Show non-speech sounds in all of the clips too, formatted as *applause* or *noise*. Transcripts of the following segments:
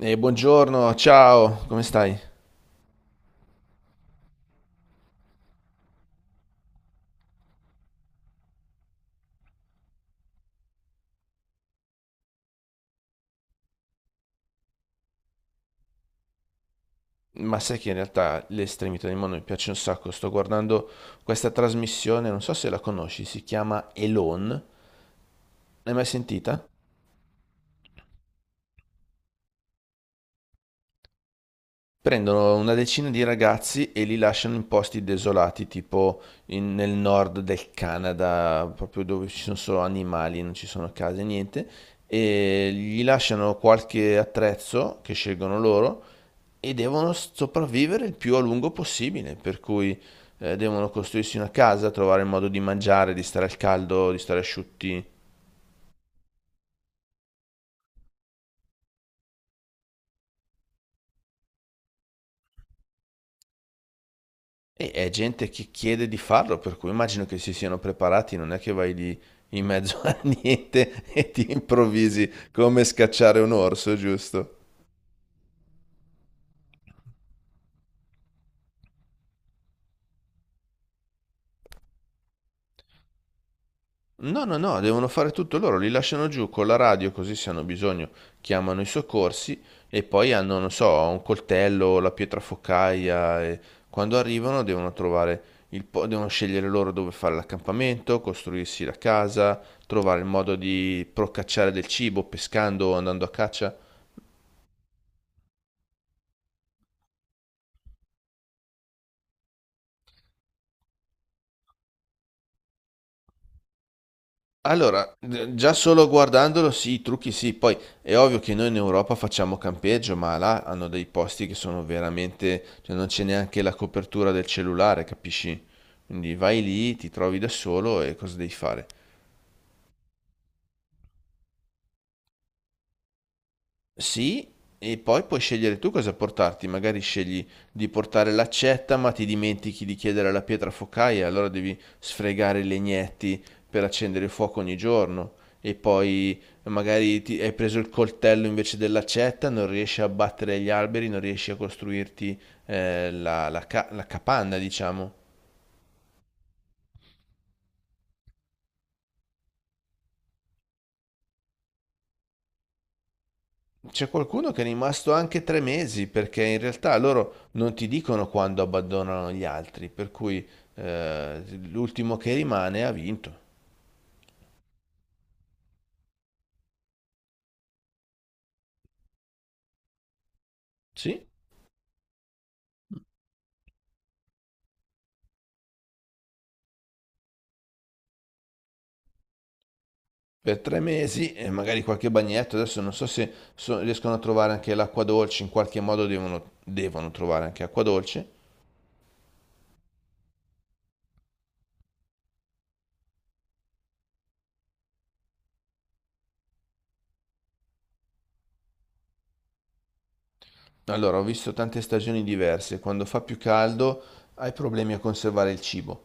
Buongiorno, ciao, come stai? Ma sai che in realtà le estremità del mondo mi piace un sacco. Sto guardando questa trasmissione, non so se la conosci, si chiama Elon. L'hai mai sentita? Prendono una decina di ragazzi e li lasciano in posti desolati, tipo nel nord del Canada, proprio dove ci sono solo animali, non ci sono case, niente, e gli lasciano qualche attrezzo che scelgono loro e devono sopravvivere il più a lungo possibile, per cui devono costruirsi una casa, trovare il modo di mangiare, di stare al caldo, di stare asciutti. E è gente che chiede di farlo, per cui immagino che si siano preparati, non è che vai lì in mezzo *laughs* a niente e ti improvvisi come scacciare un orso, giusto? No, no, no, devono fare tutto loro, li lasciano giù con la radio così se hanno bisogno chiamano i soccorsi e poi hanno, non so, un coltello, la pietra focaia e quando arrivano devono trovare il devono scegliere loro dove fare l'accampamento, costruirsi la casa, trovare il modo di procacciare del cibo pescando o andando a caccia. Allora, già solo guardandolo, sì, i trucchi sì, poi è ovvio che noi in Europa facciamo campeggio, ma là hanno dei posti che sono veramente, cioè non c'è neanche la copertura del cellulare, capisci? Quindi vai lì, ti trovi da solo e cosa devi fare? Sì, e poi puoi scegliere tu cosa portarti, magari scegli di portare l'accetta, ma ti dimentichi di chiedere la pietra focaia, allora devi sfregare i legnetti per accendere il fuoco ogni giorno. E poi magari hai preso il coltello invece dell'accetta, non riesci a abbattere gli alberi, non riesci a costruirti la capanna, diciamo. C'è qualcuno che è rimasto anche 3 mesi perché in realtà loro non ti dicono quando abbandonano gli altri, per cui eh, l'ultimo che rimane ha vinto. Sì, per 3 mesi e magari qualche bagnetto. Adesso non so se riescono a trovare anche l'acqua dolce, in qualche modo devono trovare anche acqua dolce. Allora, ho visto tante stagioni diverse. Quando fa più caldo hai problemi a conservare il cibo.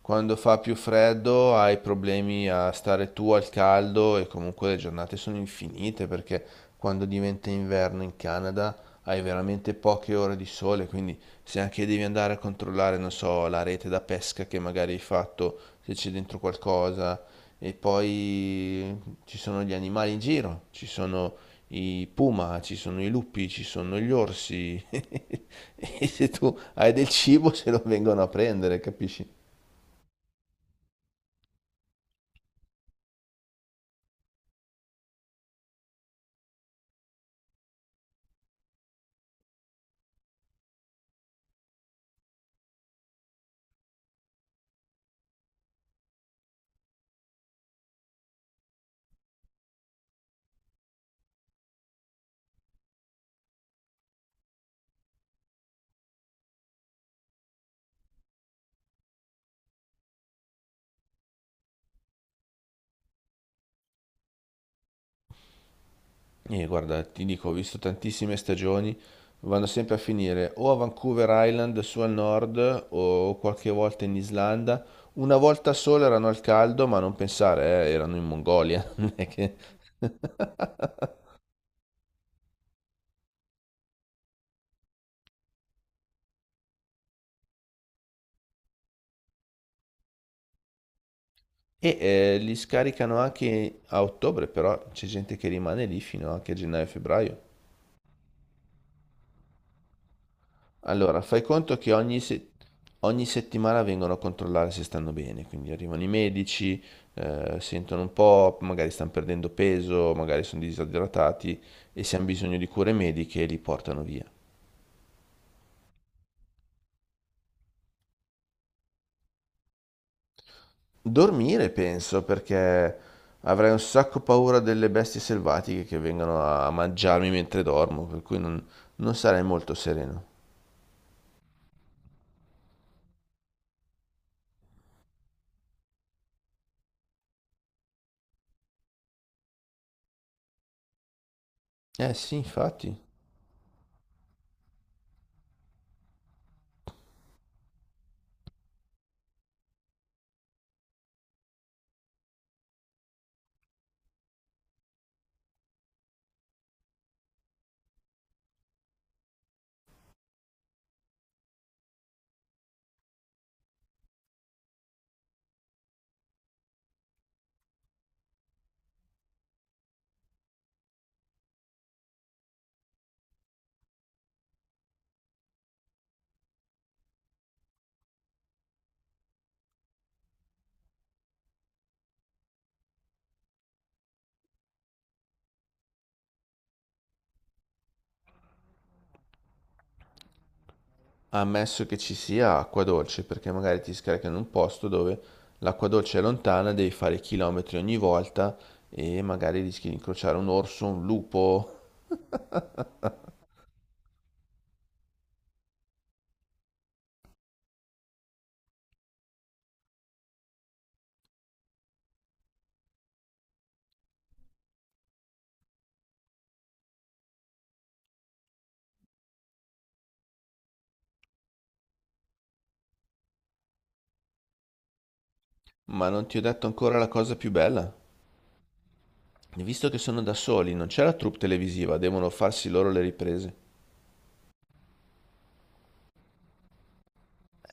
Quando fa più freddo hai problemi a stare tu al caldo e comunque le giornate sono infinite perché quando diventa inverno in Canada hai veramente poche ore di sole, quindi se anche devi andare a controllare, non so, la rete da pesca che magari hai fatto, se c'è dentro qualcosa, e poi ci sono gli animali in giro, ci sono i puma, ci sono i lupi, ci sono gli orsi. *laughs* E se tu hai del cibo se lo vengono a prendere, capisci? E guarda, ti dico, ho visto tantissime stagioni, vanno sempre a finire o a Vancouver Island, su al nord, o qualche volta in Islanda. Una volta sola erano al caldo, ma non pensare, erano in Mongolia. *laughs* non è che- E li scaricano anche a ottobre, però c'è gente che rimane lì fino anche a gennaio-febbraio. Allora, fai conto che ogni, se- ogni settimana vengono a controllare se stanno bene, quindi arrivano i medici, sentono un po', magari stanno perdendo peso, magari sono disidratati e se hanno bisogno di cure mediche li portano via. Dormire, penso, perché avrei un sacco paura delle bestie selvatiche che vengono a mangiarmi mentre dormo, per cui non sarei molto sereno. Eh sì, infatti. Ammesso che ci sia acqua dolce, perché magari ti scarica in un posto dove l'acqua dolce è lontana, devi fare chilometri ogni volta e magari rischi di incrociare un orso, un lupo. Ma non ti ho detto ancora la cosa più bella. Visto che sono da soli, non c'è la troupe televisiva, devono farsi loro le riprese.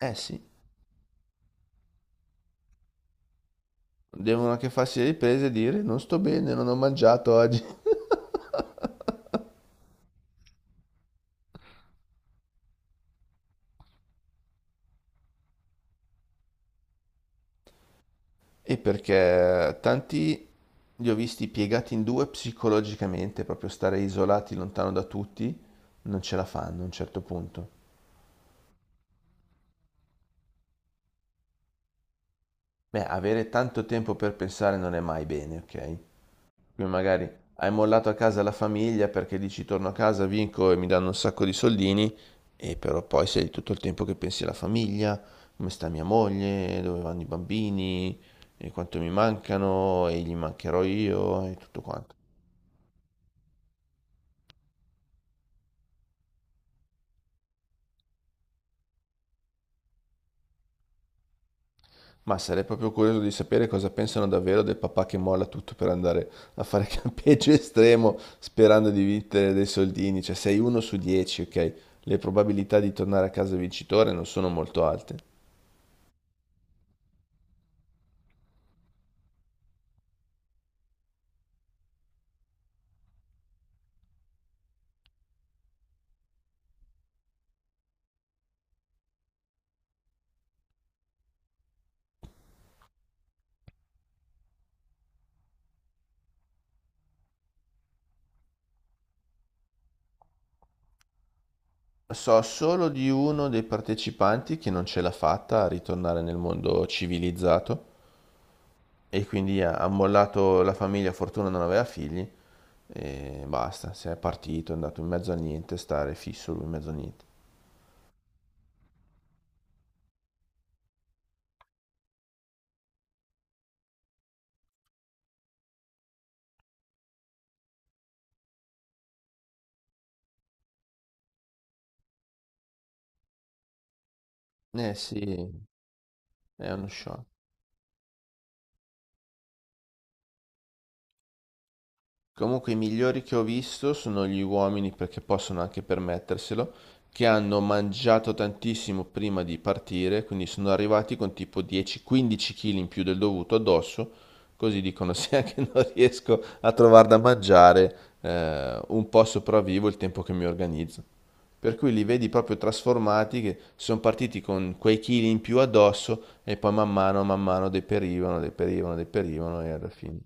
Eh sì, devono anche farsi le riprese e dire non sto bene, non ho mangiato oggi. E perché tanti li ho visti piegati in due psicologicamente, proprio stare isolati lontano da tutti, non ce la fanno a un certo punto. Beh, avere tanto tempo per pensare non è mai bene, ok? Quindi magari hai mollato a casa la famiglia perché dici torno a casa, vinco e mi danno un sacco di soldini, e però poi sei tutto il tempo che pensi alla famiglia, come sta mia moglie, dove vanno i bambini, e quanto mi mancano, e gli mancherò io, e tutto quanto. Ma sarei proprio curioso di sapere cosa pensano davvero del papà che molla tutto per andare a fare *laughs* campeggio estremo sperando di vincere dei soldini. Cioè, sei uno su 10, ok? Le probabilità di tornare a casa vincitore non sono molto alte. So solo di uno dei partecipanti che non ce l'ha fatta a ritornare nel mondo civilizzato e quindi ha mollato la famiglia, fortuna non aveva figli e basta, si è partito, è andato in mezzo a niente, stare fisso lui in mezzo a niente. Eh sì, è uno shock. Comunque i migliori che ho visto sono gli uomini perché possono anche permetterselo, che hanno mangiato tantissimo prima di partire, quindi sono arrivati con tipo 10-15 chili kg in più del dovuto addosso, così dicono *laughs* se anche non riesco a trovare da mangiare, un po' sopravvivo il tempo che mi organizzo. Per cui li vedi proprio trasformati, che sono partiti con quei chili in più addosso e poi man mano deperivano, deperivano, deperivano e alla fine.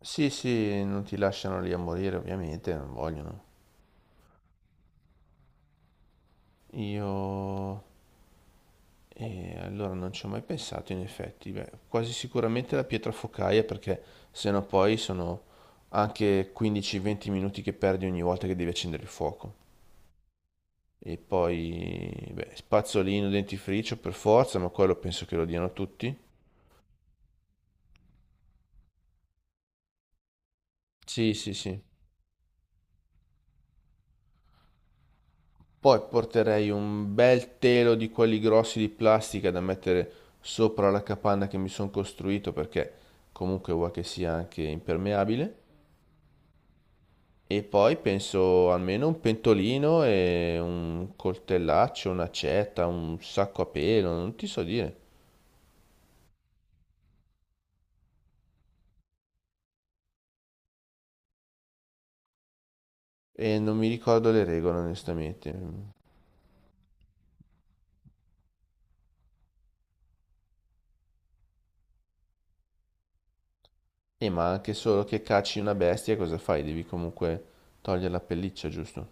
Sì, sì, non ti lasciano lì a morire, ovviamente, non vogliono. Io... E allora non ci ho mai pensato, in effetti. Beh, quasi sicuramente la pietra focaia, perché sennò poi sono anche 15-20 minuti che perdi ogni volta che devi accendere il fuoco. E poi, beh, spazzolino, dentifricio per forza, ma quello penso che lo diano tutti. Sì, sì, sì. Poi porterei un bel telo di quelli grossi di plastica da mettere sopra la capanna che mi sono costruito perché comunque vuoi che sia anche impermeabile. E poi penso almeno un pentolino e un coltellaccio, un'accetta, un sacco a pelo, non ti so dire. E non mi ricordo le regole onestamente. E ma anche solo che cacci una bestia cosa fai? Devi comunque togliere la pelliccia, giusto?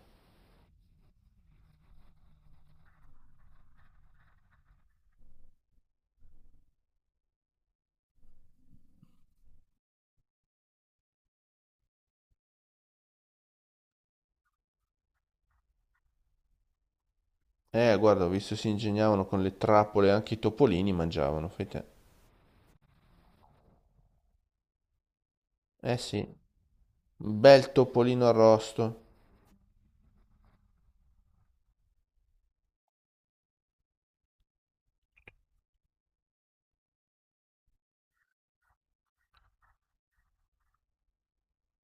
Guarda, ho visto si ingegnavano con le trappole, anche i topolini mangiavano, fai te. Eh sì, un bel topolino arrosto.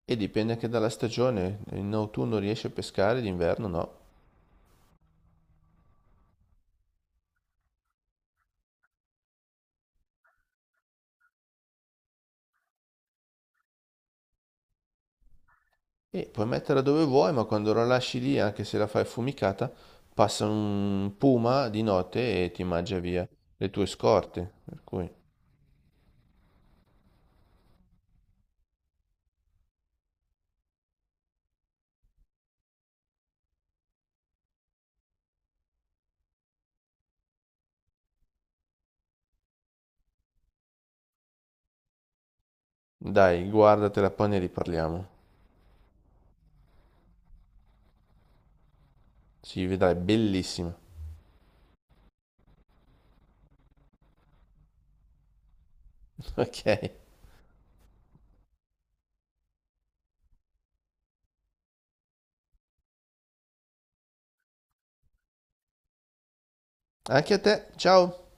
E dipende anche dalla stagione, in autunno riesci a pescare, d'inverno no. E puoi metterla dove vuoi, ma quando la lasci lì, anche se la fai affumicata, passa un puma di notte e ti mangia via le tue scorte. Per cui, dai, guardatela, poi ne riparliamo. Si vedrai, bellissima. *laughs* Ok. Anche a te, ciao!